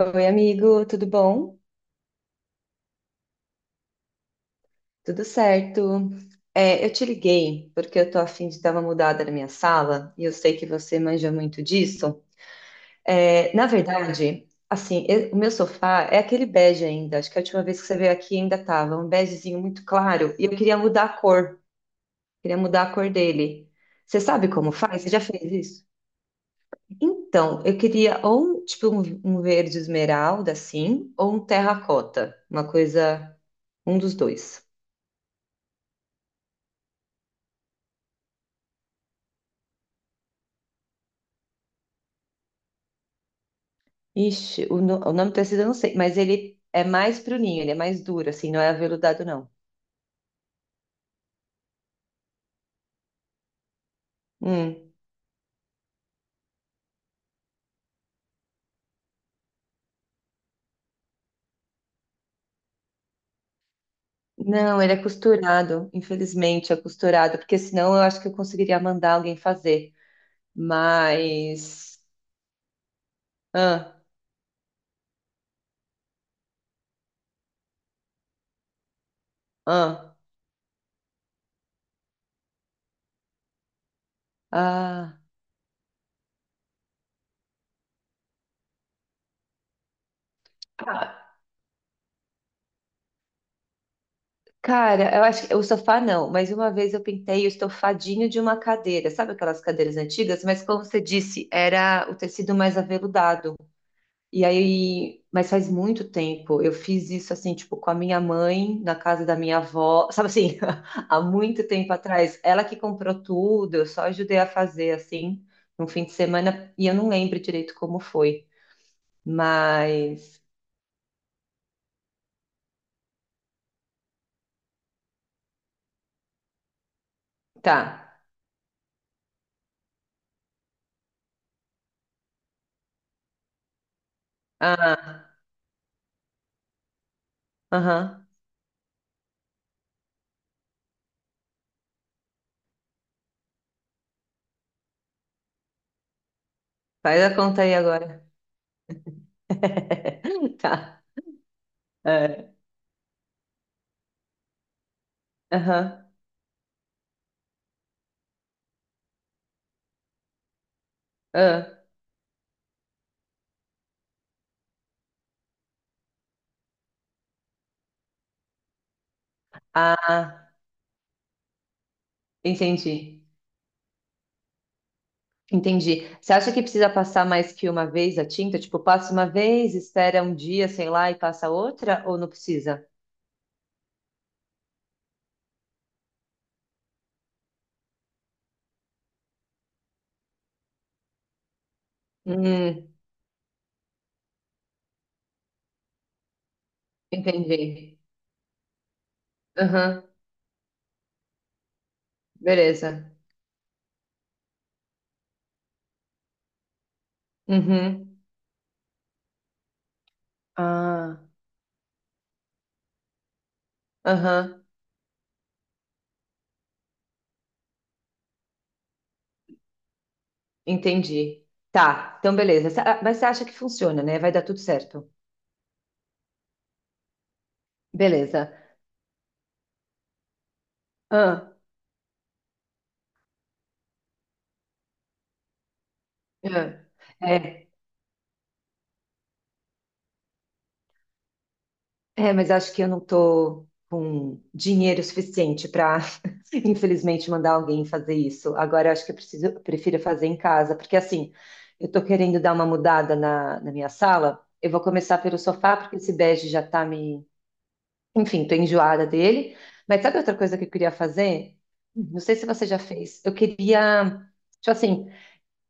Oi, amigo, tudo bom? Tudo certo? É, eu te liguei porque eu tô a fim de dar uma mudada na minha sala e eu sei que você manja muito disso. É, na verdade, assim, o meu sofá é aquele bege ainda. Acho que a última vez que você veio aqui ainda tava um begezinho muito claro e eu queria mudar a cor, queria mudar a cor dele. Você sabe como faz? Você já fez isso? Então, eu queria ou um verde esmeralda assim, ou um terracota, uma coisa, um dos dois. Ixi, o, no- o nome do tecido eu não sei, mas ele é mais pro ninho, ele é mais duro, assim, não é aveludado, não. Hum. Não, ele é costurado, infelizmente é costurado, porque senão eu acho que eu conseguiria mandar alguém fazer. Mas. Ah, ah, ah. Ah, cara, eu acho que o sofá não, mas uma vez eu pintei o estofadinho de uma cadeira, sabe aquelas cadeiras antigas? Mas como você disse, era o tecido mais aveludado. E aí, mas faz muito tempo. Eu fiz isso assim, tipo, com a minha mãe, na casa da minha avó, sabe assim, há muito tempo atrás. Ela que comprou tudo, eu só ajudei a fazer assim, num fim de semana, e eu não lembro direito como foi. Mas tá. Ah, aham. Faz a conta aí agora. Tá. É, aham, ah, ah, entendi. Entendi. Você acha que precisa passar mais que uma vez a tinta? Tipo, passa uma vez, espera um dia, sei lá, e passa outra? Ou não precisa? Hum, entendi. Aham, beleza. Uhum. Ah, aham, entendi. Tá, então beleza. Mas você acha que funciona, né? Vai dar tudo certo. Beleza. Ah, ah. É. É, mas acho que eu não tô com dinheiro suficiente para, infelizmente, mandar alguém fazer isso. Agora, eu acho que eu preciso, eu prefiro fazer em casa, porque assim, eu tô querendo dar uma mudada na minha sala. Eu vou começar pelo sofá, porque esse bege já tá me. Enfim, tô enjoada dele. Mas sabe outra coisa que eu queria fazer? Não sei se você já fez. Eu queria, tipo assim,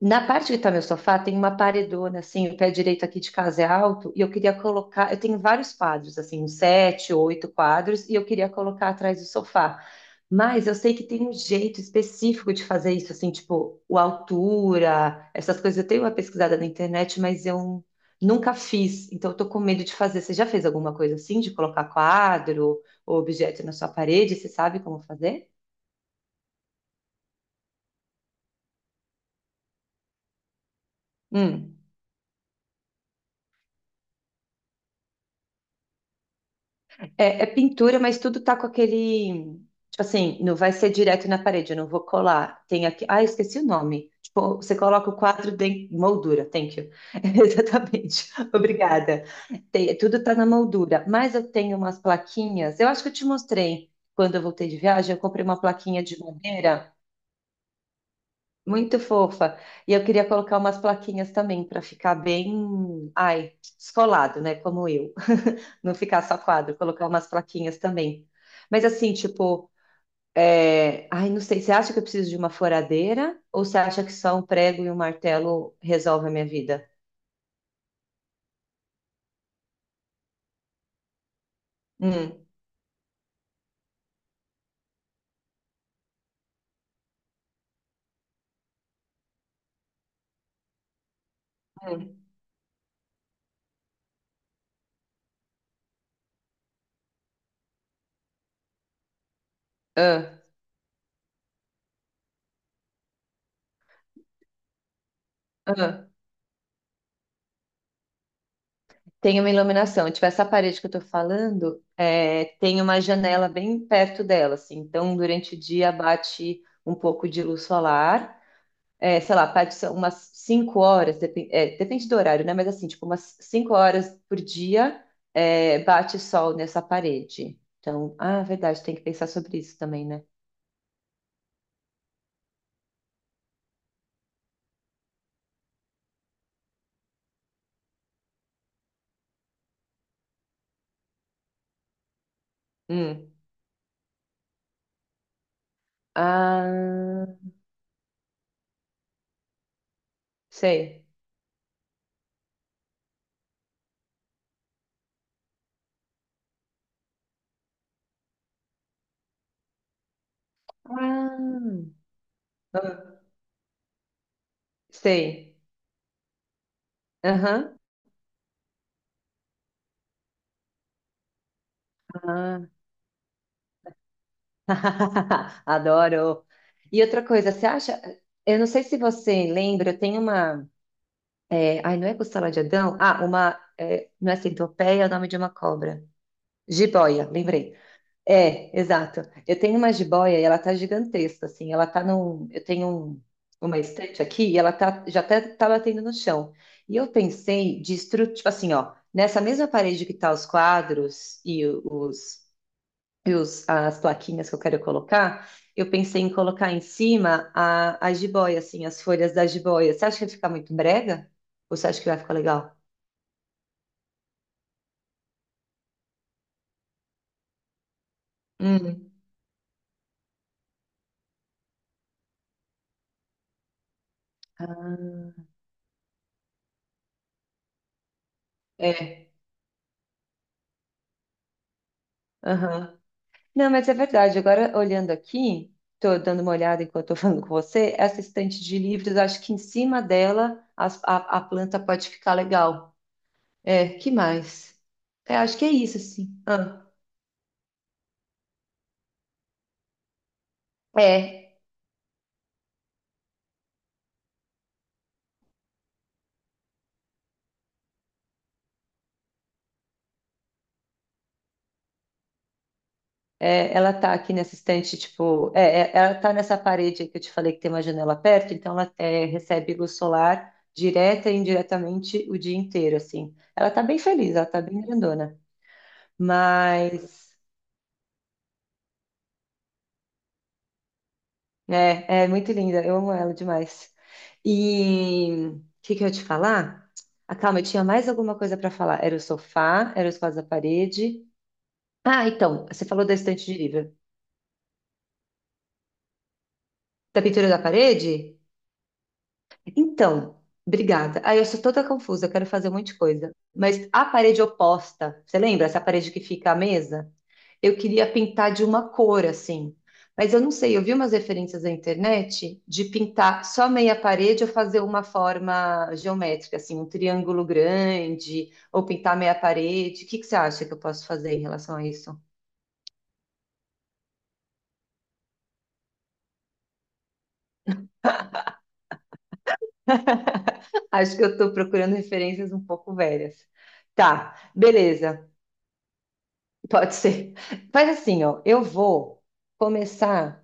na parte que tá meu sofá, tem uma paredona, assim, o pé direito aqui de casa é alto, e eu queria colocar. Eu tenho vários quadros, assim, uns sete, oito quadros, e eu queria colocar atrás do sofá. Mas eu sei que tem um jeito específico de fazer isso, assim, tipo, o altura, essas coisas. Eu tenho uma pesquisada na internet, mas eu nunca fiz, então eu tô com medo de fazer. Você já fez alguma coisa assim, de colocar quadro ou objeto na sua parede? Você sabe como fazer? Hum. É, é pintura, mas tudo tá com aquele. Tipo assim, não vai ser direto na parede, eu não vou colar. Tem aqui. Ah, eu esqueci o nome. Tipo, você coloca o quadro de moldura, thank you. Exatamente. Obrigada. Tem- tudo tá na moldura. Mas eu tenho umas plaquinhas. Eu acho que eu te mostrei quando eu voltei de viagem. Eu comprei uma plaquinha de madeira muito fofa. E eu queria colocar umas plaquinhas também para ficar bem, ai, descolado, né? Como eu. Não ficar só quadro, colocar umas plaquinhas também. Mas assim, tipo, é, ai, não sei, você acha que eu preciso de uma furadeira? Ou você acha que só um prego e um martelo resolve a minha vida? Hum, hum, ah, ah. Tem uma iluminação. Tipo, essa parede que eu tô falando, é, tem uma janela bem perto dela, assim. Então, durante o dia bate um pouco de luz solar. É, sei lá, parte são umas 5 horas, é, depende do horário, né? Mas assim, tipo, umas 5 horas por dia é, bate sol nessa parede. Então, verdade, tem que pensar sobre isso também, né? Hum. Ah, sei. Ah, ah, sei. Aham. Ah. Adoro. E outra coisa, você acha? Eu não sei se você lembra, tem uma. É, ai, não é costela de Adão? Ah, uma. É, não é centopeia, é o nome de uma cobra. Jiboia, lembrei. É, exato. Eu tenho uma jiboia e ela tá gigantesca, assim. Ela tá num. Uma estante aqui e ela tá, já até tá batendo no chão. E eu pensei de tipo assim, ó, nessa mesma parede que tá os quadros e os as plaquinhas que eu quero colocar, eu pensei em colocar em cima a jiboia, assim, as folhas da jiboia. Você acha que vai ficar muito brega? Ou você acha que vai ficar legal? Hum. Ah, é. Aham. Não, mas é verdade. Agora, olhando aqui, estou dando uma olhada enquanto estou falando com você, essa estante de livros, acho que em cima dela a planta pode ficar legal. É, que mais? É, acho que é isso, assim. Ah, é, ela tá aqui nessa estante, tipo, ela tá nessa parede aí que eu te falei que tem uma janela perto, então ela recebe luz solar direta e indiretamente o dia inteiro, assim. Ela tá bem feliz, ela tá bem grandona. Mas. É, é muito linda, eu amo ela demais. E o que que eu ia te falar? Ah, calma, eu tinha mais alguma coisa para falar. Era o sofá, era os quadros da parede. Ah, então, você falou da estante de livro. Da pintura da parede? Então, obrigada. Ah, eu sou toda confusa, eu quero fazer um monte de coisa. Mas a parede oposta, você lembra? Essa parede que fica a mesa? Eu queria pintar de uma cor, assim. Mas eu não sei, eu vi umas referências na internet de pintar só meia parede ou fazer uma forma geométrica, assim, um triângulo grande, ou pintar meia parede. O que que você acha que eu posso fazer em relação a isso? Acho que eu estou procurando referências um pouco velhas. Tá, beleza. Pode ser. Faz assim, ó, eu vou começar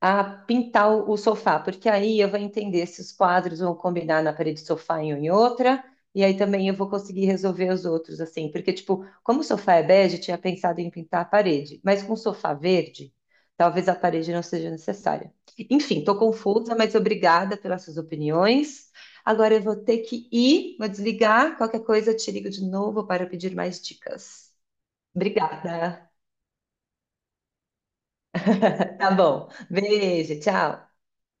a pintar o sofá, porque aí eu vou entender se os quadros vão combinar na parede do sofá em uma e outra, e aí também eu vou conseguir resolver os outros, assim, porque, tipo, como o sofá é bege, eu tinha pensado em pintar a parede, mas com o sofá verde, talvez a parede não seja necessária. Enfim, estou confusa, mas obrigada pelas suas opiniões. Agora eu vou ter que ir, vou desligar, qualquer coisa eu te ligo de novo para pedir mais dicas. Obrigada. Tá bom. Beijo, tchau.